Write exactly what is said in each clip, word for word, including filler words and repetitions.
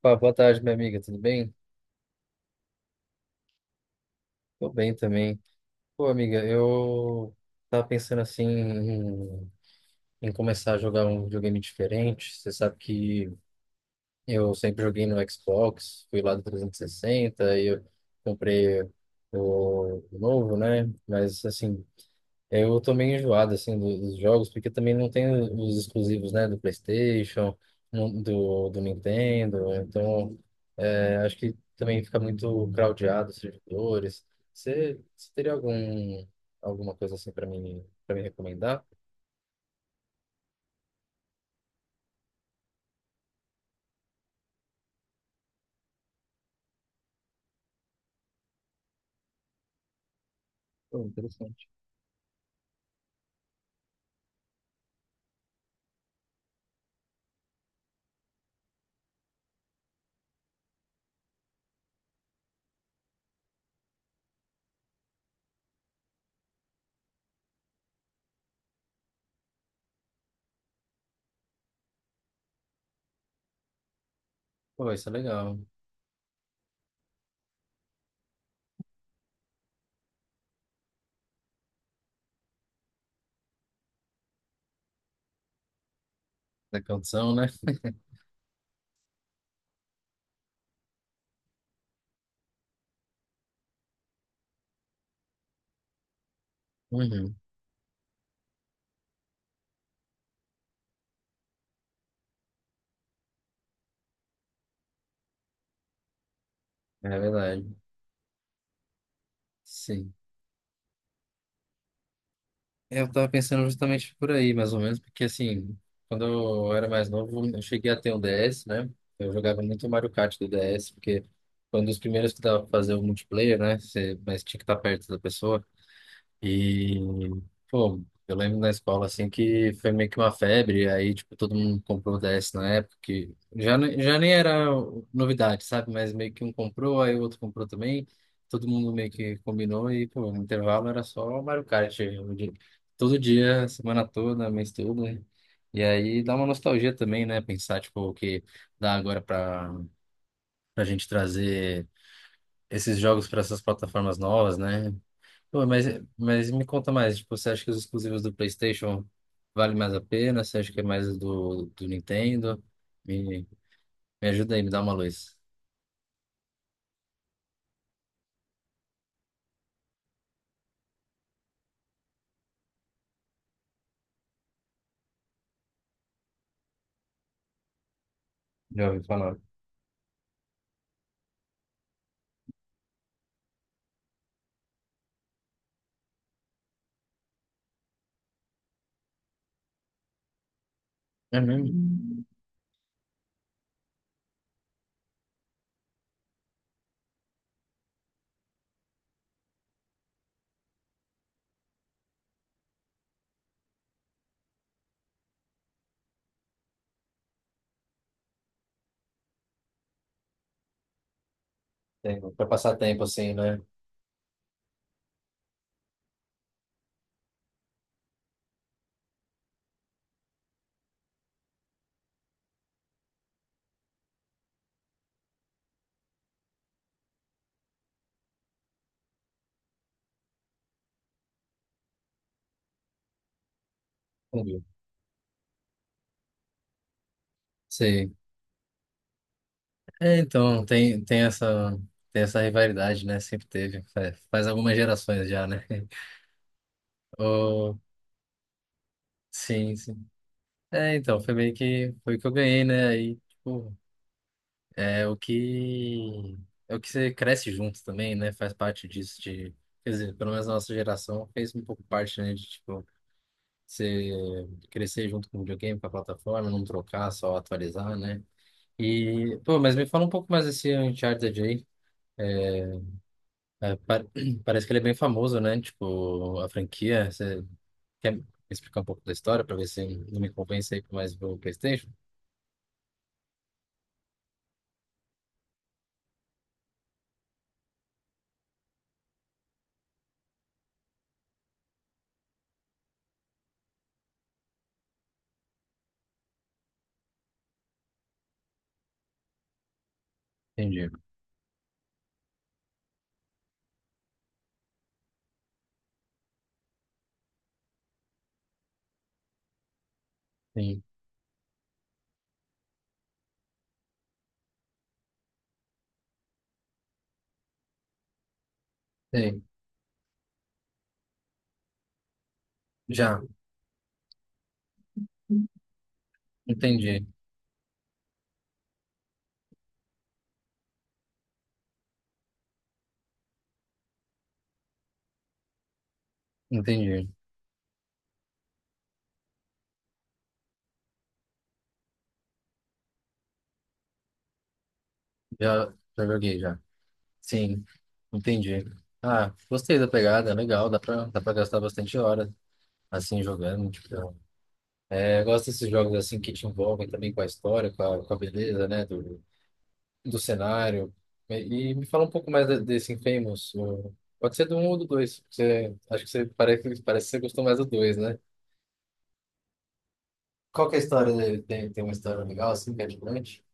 Pá, boa tarde, minha amiga, tudo bem? Tô bem também. Pô, amiga, eu tava pensando assim em, em começar a jogar um videogame diferente. Você sabe que eu sempre joguei no Xbox, fui lá do três sessenta e sessenta e eu comprei o o novo, né? Mas assim, eu tô meio enjoado assim do- dos jogos, porque também não tem os exclusivos, né, do PlayStation, no- do, do Nintendo, então é, acho que também fica muito crowdado os servidores. Você, você teria algum, alguma coisa assim para mim, para me recomendar? Pô, interessante. Pô, isso é legal. Da condição, né? Uhum. É verdade. Sim. É, eu tava pensando justamente por aí, mais ou menos, porque assim, quando eu era mais novo, eu cheguei a ter um D S, né? Eu jogava muito Mario Kart do D S, porque foi um dos primeiros que dava pra fazer o multiplayer, né? Você, mas tinha que estar perto da pessoa. E, pô, eu lembro na escola, assim, que foi meio que uma febre, aí, tipo, todo mundo comprou o D S na época, que já, ne- já nem era novidade, sabe? Mas meio que um comprou, aí o outro comprou também, todo mundo meio que combinou, e, pô, no intervalo era só Mario Kart, o dia- todo dia, semana toda, mês todo, né? E aí dá uma nostalgia também, né? Pensar, tipo, o que dá agora pra, pra, gente trazer esses jogos para essas plataformas novas, né? Pô, mas, mas me conta mais, tipo, você acha que os exclusivos do PlayStation valem mais a pena? Você acha que é mais do, do Nintendo? Me, me ajuda aí, me dá uma luz. Já ouvi falar. É mesmo? Tem, pra passar tempo assim, né? Entendi. Sim. É, então, tem, tem essa, tem essa rivalidade, né? Sempre teve. Fa- Faz algumas gerações já, né? Oh, sim, sim. É, então, foi meio que, foi o que eu ganhei, né? Aí, tipo, É o que é o que você cresce junto também, né? Faz parte disso de, quer dizer, pelo menos a nossa geração fez um pouco parte, né, de tipo você crescer junto com o videogame, com a plataforma, não trocar, só atualizar, né? E, pô, mas me fala um pouco mais desse Uncharted aí. É, é, pa- Parece que ele é bem famoso, né? Tipo, a franquia, você quer me explicar um pouco da história para ver se não me convence aí com mais o PlayStation? Entendi. Sim. Sim. Já, entendi. Entendi. Já, já joguei já. Sim, entendi. Ah, gostei da pegada, legal, dá pra, dá pra, gastar bastante hora assim jogando. Tipo, é, eu gosto desses jogos assim que te envolvem também com a história, com a, com a beleza, né, do, do cenário. E, e me fala um pouco mais de- desse Infamous. o- Pode ser do um ou do dois. Você, acho que você parece, parece que você gostou mais do dois, né? Qual que é a história dele? Tem, tem uma história legal assim, que é diferente?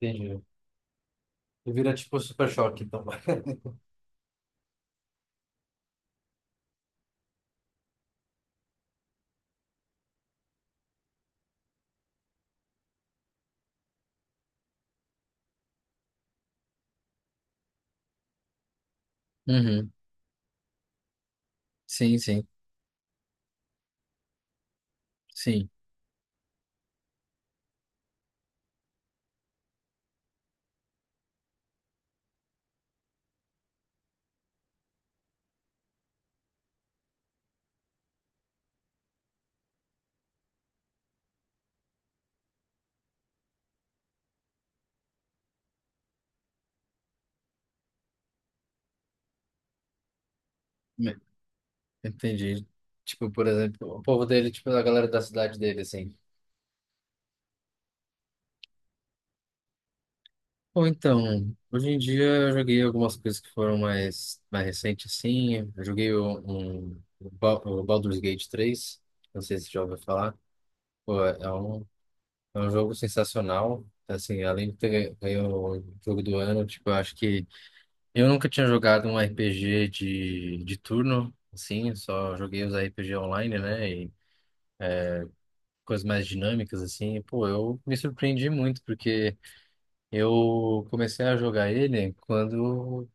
Entendi. Vira tipo Super Choque, então. Uhum. Sim, sim, sim. Entendi. Tipo, por exemplo, o povo dele, tipo, a galera da cidade dele, assim. Ou então, hoje em dia eu joguei algumas coisas que foram mais, mais recentes, assim. Eu joguei o- um, o Ba- o Baldur's Gate três. Não sei se você já ouviu falar. Pô, é um, é um jogo sensacional. Assim, além de ter ganho o jogo do ano, tipo, eu acho que eu nunca tinha jogado um R P G de, de turno, assim, eu só joguei os R P G online, né? Coisas mais dinâmicas, assim, pô, eu me surpreendi muito, porque eu comecei a jogar ele quando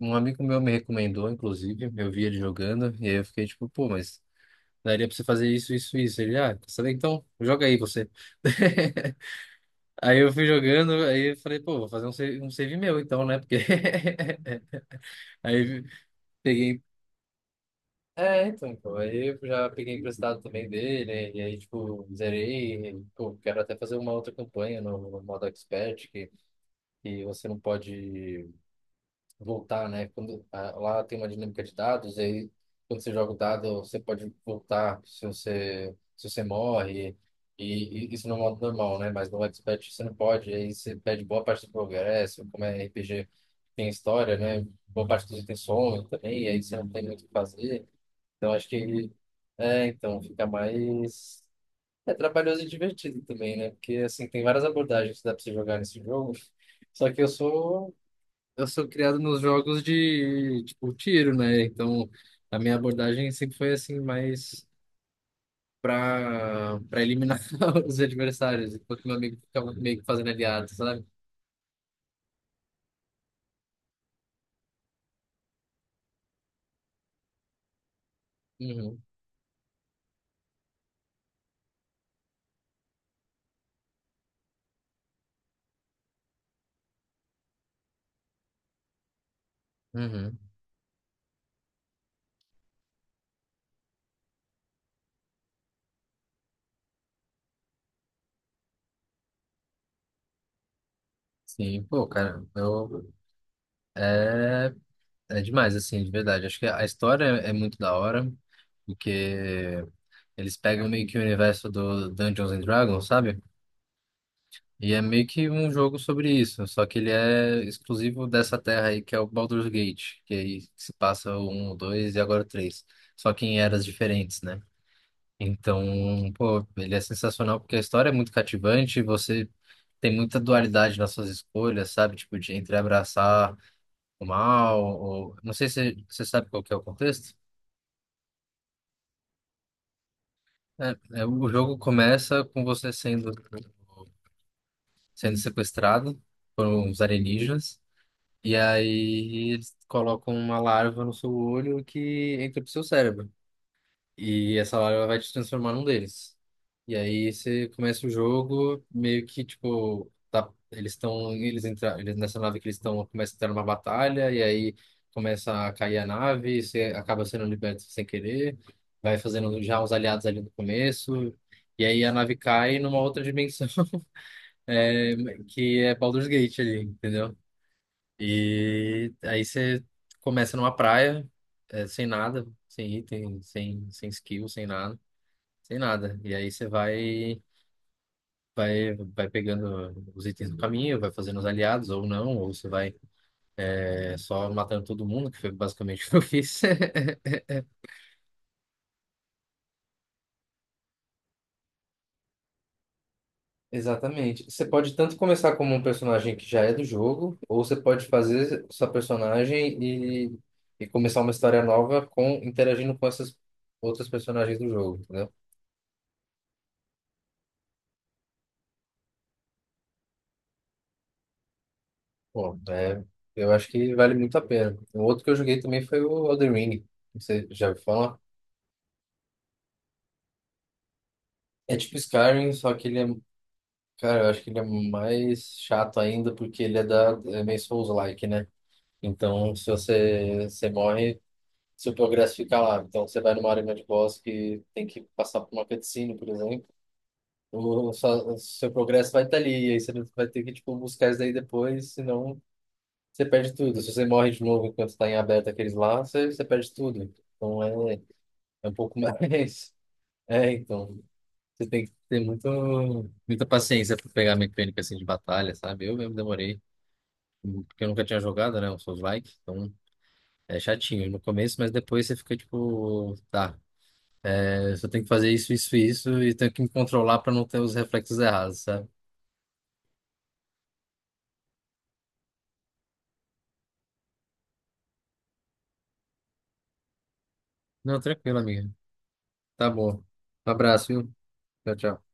um amigo meu me recomendou, inclusive, eu vi ele jogando, e aí eu fiquei tipo, pô, mas daria pra você fazer isso, isso, isso. Ele, ah, quer saber então? Joga aí você. Aí eu fui jogando, aí eu falei, pô, vou fazer um save, um save meu então, né? Porque. Aí peguei, É, então, então, aí eu já peguei emprestado também dele, e aí, tipo, zerei, e, pô, quero até fazer uma outra campanha no, no modo expert, que, que você não pode voltar, né? Quando, ah, lá tem uma dinâmica de dados, e aí, quando você joga o dado, você pode voltar se você, se você, morre, e, e isso no modo normal, né? Mas no expert você não pode, aí você perde boa parte do progresso, como é R P G, tem história, né? Boa parte dos itens somem também, e aí você não tem muito o que fazer. Então acho que ele. É, então, fica mais. É trabalhoso e divertido também, né? Porque, assim, tem várias abordagens que dá pra você jogar nesse jogo. Só que eu sou. Eu sou criado nos jogos de, tipo, tiro, né? Então, a minha abordagem sempre foi, assim, mais pra, pra eliminar os adversários, enquanto meu amigo ficava meio que fazendo aliado, sabe? Uhum, uhum. Sim, pô, cara, eu. É, é demais, assim, de verdade. Acho que a história é muito da hora. Porque eles pegam meio que o universo do Dungeons and Dragons, sabe? E é meio que um jogo sobre isso, só que ele é exclusivo dessa terra aí, que é o Baldur's Gate, que aí se passa o um, o dois e agora o três, só que em eras diferentes, né? Então, pô, ele é sensacional porque a história é muito cativante, você tem muita dualidade nas suas escolhas, sabe? Tipo, de entre abraçar o mal, ou... Não sei se você sabe qual que é o contexto. É, é, o jogo começa com você sendo sendo sequestrado por uns alienígenas. E aí eles colocam uma larva no seu olho que entra pro seu cérebro. E essa larva vai te transformar num deles. E aí você começa o jogo meio que tipo. Tá, eles estão. Eles entram. Eles, nessa nave que eles estão. Começa a entrar numa batalha. E aí começa a cair a nave, e você acaba sendo liberto sem querer. Vai fazendo já uns aliados ali no começo. E aí a nave cai numa outra dimensão é, que é Baldur's Gate ali, entendeu? E aí você começa numa praia, é, sem nada, sem item, sem, sem skill, sem nada, sem nada. E aí você vai, vai, vai, pegando os itens do caminho, vai fazendo os aliados ou não, ou você vai, é, só matando todo mundo, que foi basicamente o que eu fiz. Exatamente. Você pode tanto começar como um personagem que já é do jogo, ou você pode fazer sua personagem e, e começar uma história nova com interagindo com essas outras personagens do jogo, entendeu? Pô, é, eu acho que vale muito a pena. O outro que eu joguei também foi o Elden Ring. Você já ouviu falar? É tipo Skyrim, só que ele é, cara, eu acho que ele é mais chato ainda porque ele é da é meio Souls-like, né? Então, se você, você, morre se o progresso ficar lá. Então, você vai numa arena de boss que tem que passar por uma cutscene, por exemplo. O, sua- o seu progresso vai estar ali, e aí você vai ter que, tipo, buscar isso daí depois, senão você perde tudo. Se você morre de novo enquanto está em aberto aqueles lá, você, você perde tudo. Então, é, é um pouco mais... É, então, você tem que ter muito, muita paciência para pegar a mecânica, assim, de batalha, sabe? Eu mesmo demorei, porque eu nunca tinha jogado, né, o Souls-like, então... É chatinho no começo, mas depois você fica tipo, tá, eu só tenho que fazer isso, isso, isso e tenho que me controlar para não ter os reflexos errados, sabe? Não, tranquilo, amiga. Tá bom. Um abraço, viu? Tchau, tchau.